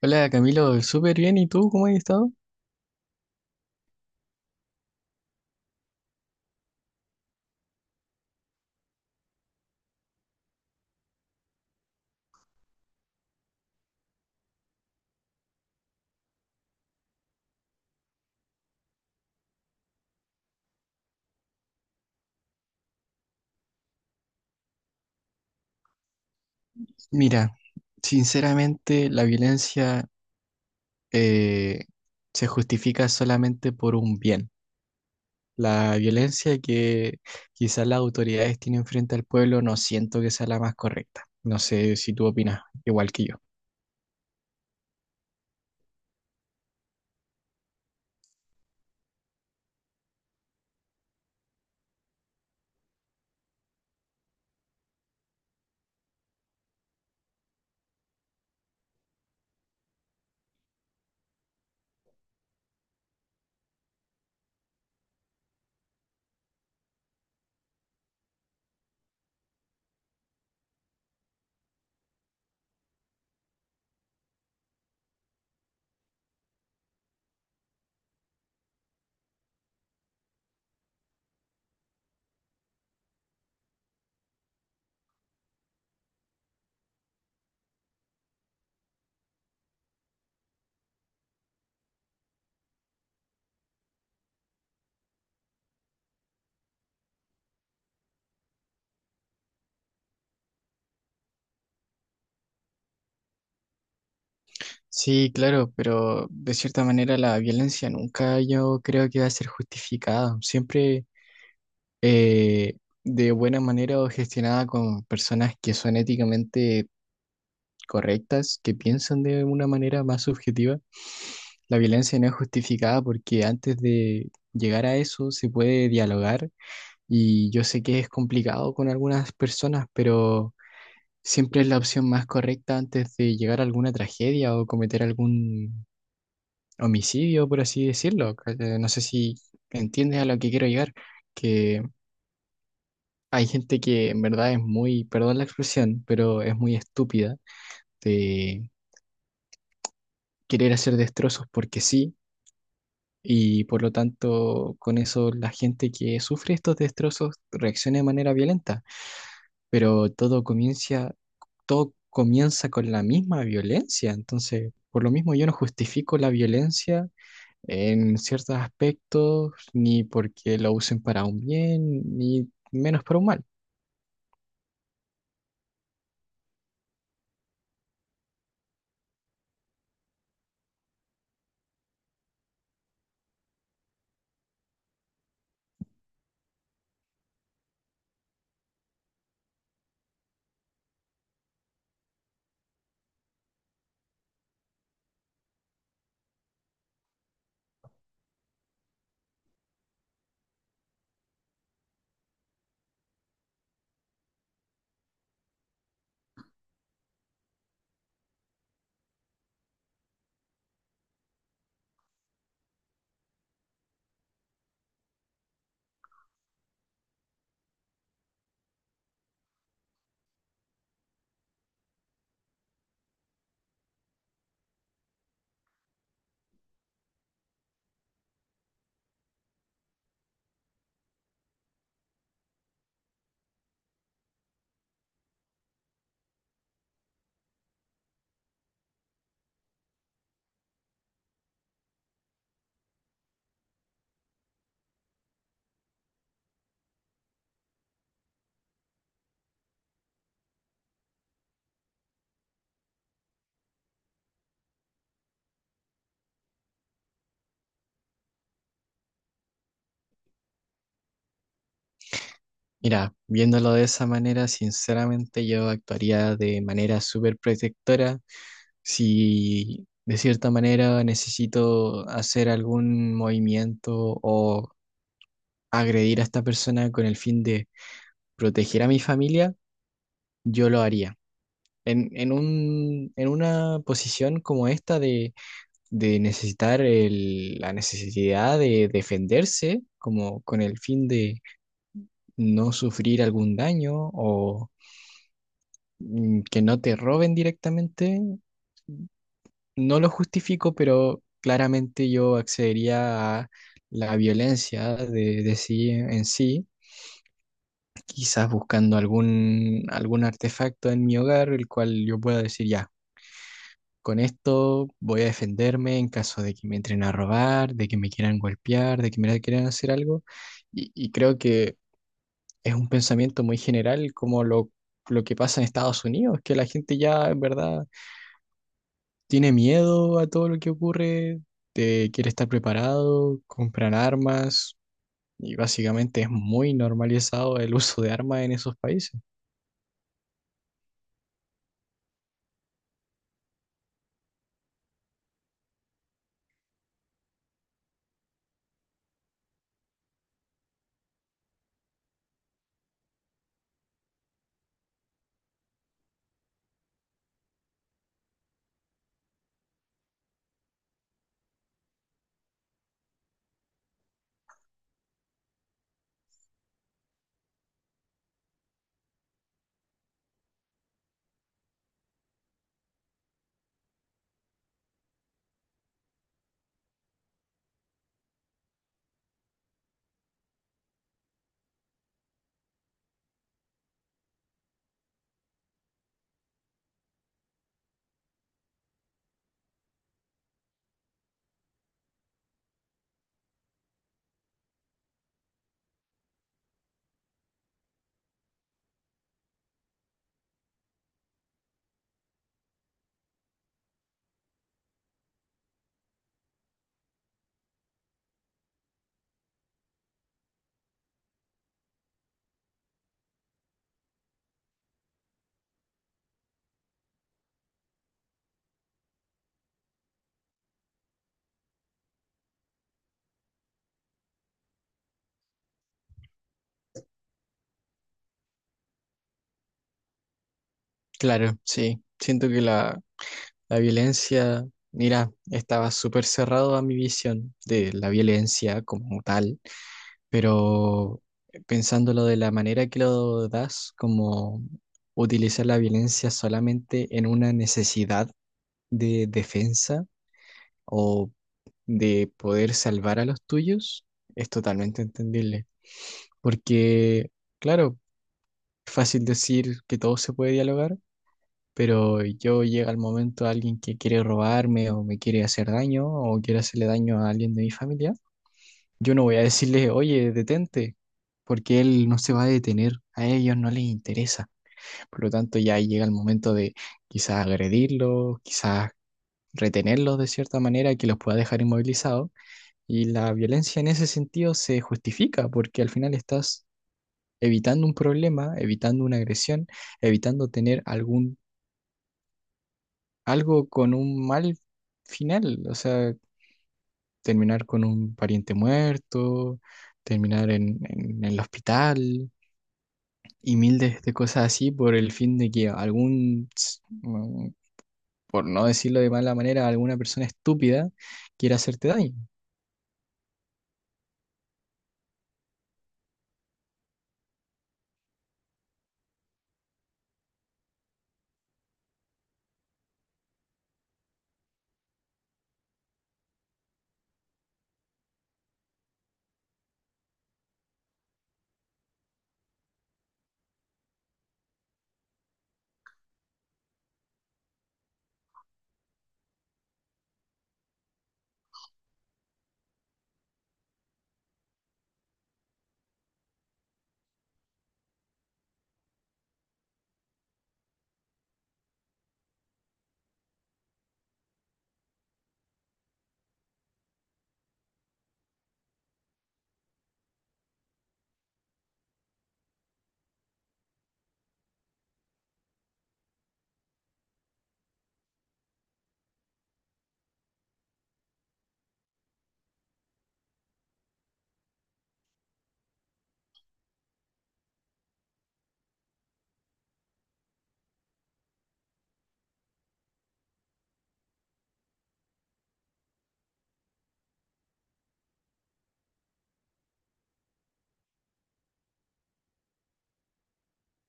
Hola Camilo, súper bien. ¿Y tú cómo has estado? Mira, sinceramente la violencia eh, se justifica solamente por un bien. La violencia que quizás las autoridades tienen frente al pueblo no siento que sea la más correcta. No sé si tú opinas igual que yo. Sí, claro, pero de cierta manera la violencia nunca yo creo que va a ser justificada. Siempre eh, de buena manera o gestionada con personas que son éticamente correctas, que piensan de una manera más subjetiva. La violencia no es justificada porque antes de llegar a eso se puede dialogar y yo sé que es complicado con algunas personas, pero siempre es la opción más correcta antes de llegar a alguna tragedia o cometer algún homicidio, por así decirlo. No sé si entiendes a lo que quiero llegar, que hay gente que en verdad es muy, perdón la expresión, pero es muy estúpida de querer hacer destrozos porque sí, y por lo tanto con eso la gente que sufre estos destrozos reacciona de manera violenta, pero todo comienza con la misma violencia, entonces por lo mismo yo no justifico la violencia en ciertos aspectos, ni porque lo usen para un bien, ni menos para un mal. Mira, viéndolo de esa manera, sinceramente yo actuaría de manera súper protectora si de cierta manera necesito hacer algún movimiento o agredir a esta persona con el fin de proteger a mi familia, yo lo haría. En una posición como esta de necesitar la necesidad de defenderse, como con el fin de no sufrir algún daño o que no te roben directamente. No lo justifico, pero claramente yo accedería a la violencia de sí en sí, quizás buscando algún artefacto en mi hogar, el cual yo pueda decir ya. Con esto voy a defenderme en caso de que me entren a robar, de que me quieran golpear, de que me quieran hacer algo. Y creo que es un pensamiento muy general como lo que pasa en Estados Unidos, que la gente ya en verdad tiene miedo a todo lo que ocurre, te quiere estar preparado, compran armas y básicamente es muy normalizado el uso de armas en esos países. Claro, sí, siento que la violencia, mira, estaba súper cerrado a mi visión de la violencia como tal, pero pensándolo de la manera que lo das, como utilizar la violencia solamente en una necesidad de defensa o de poder salvar a los tuyos, es totalmente entendible. Porque, claro, es fácil decir que todo se puede dialogar, pero yo llega el momento alguien que quiere robarme o me quiere hacer daño o quiere hacerle daño a alguien de mi familia, yo no voy a decirle, oye, detente, porque él no se va a detener, a ellos no les interesa. Por lo tanto, ya llega el momento de quizás agredirlos, quizás retenerlos de cierta manera que los pueda dejar inmovilizados. Y la violencia en ese sentido se justifica porque al final estás evitando un problema, evitando una agresión, evitando tener algún algo con un mal final, o sea, terminar con un pariente muerto, terminar en el hospital y mil de cosas así por el fin de que por no decirlo de mala manera, alguna persona estúpida quiera hacerte daño.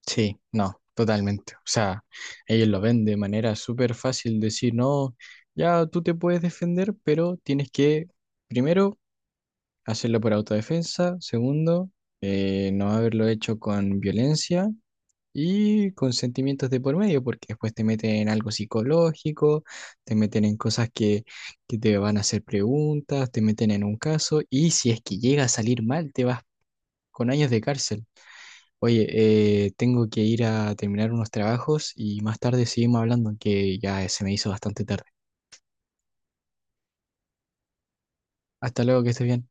Sí, no, totalmente. O sea, ellos lo ven de manera súper fácil decir, no, ya tú te puedes defender, pero tienes que... Primero, hacerlo por autodefensa. Segundo, no haberlo hecho con violencia y con sentimientos de por medio, porque después te meten en algo psicológico, te meten en cosas que te van a hacer preguntas, te meten en un caso y si es que llega a salir mal, te vas con años de cárcel. Oye, tengo que ir a terminar unos trabajos y más tarde seguimos hablando, que ya se me hizo bastante tarde. Hasta luego, que estés bien.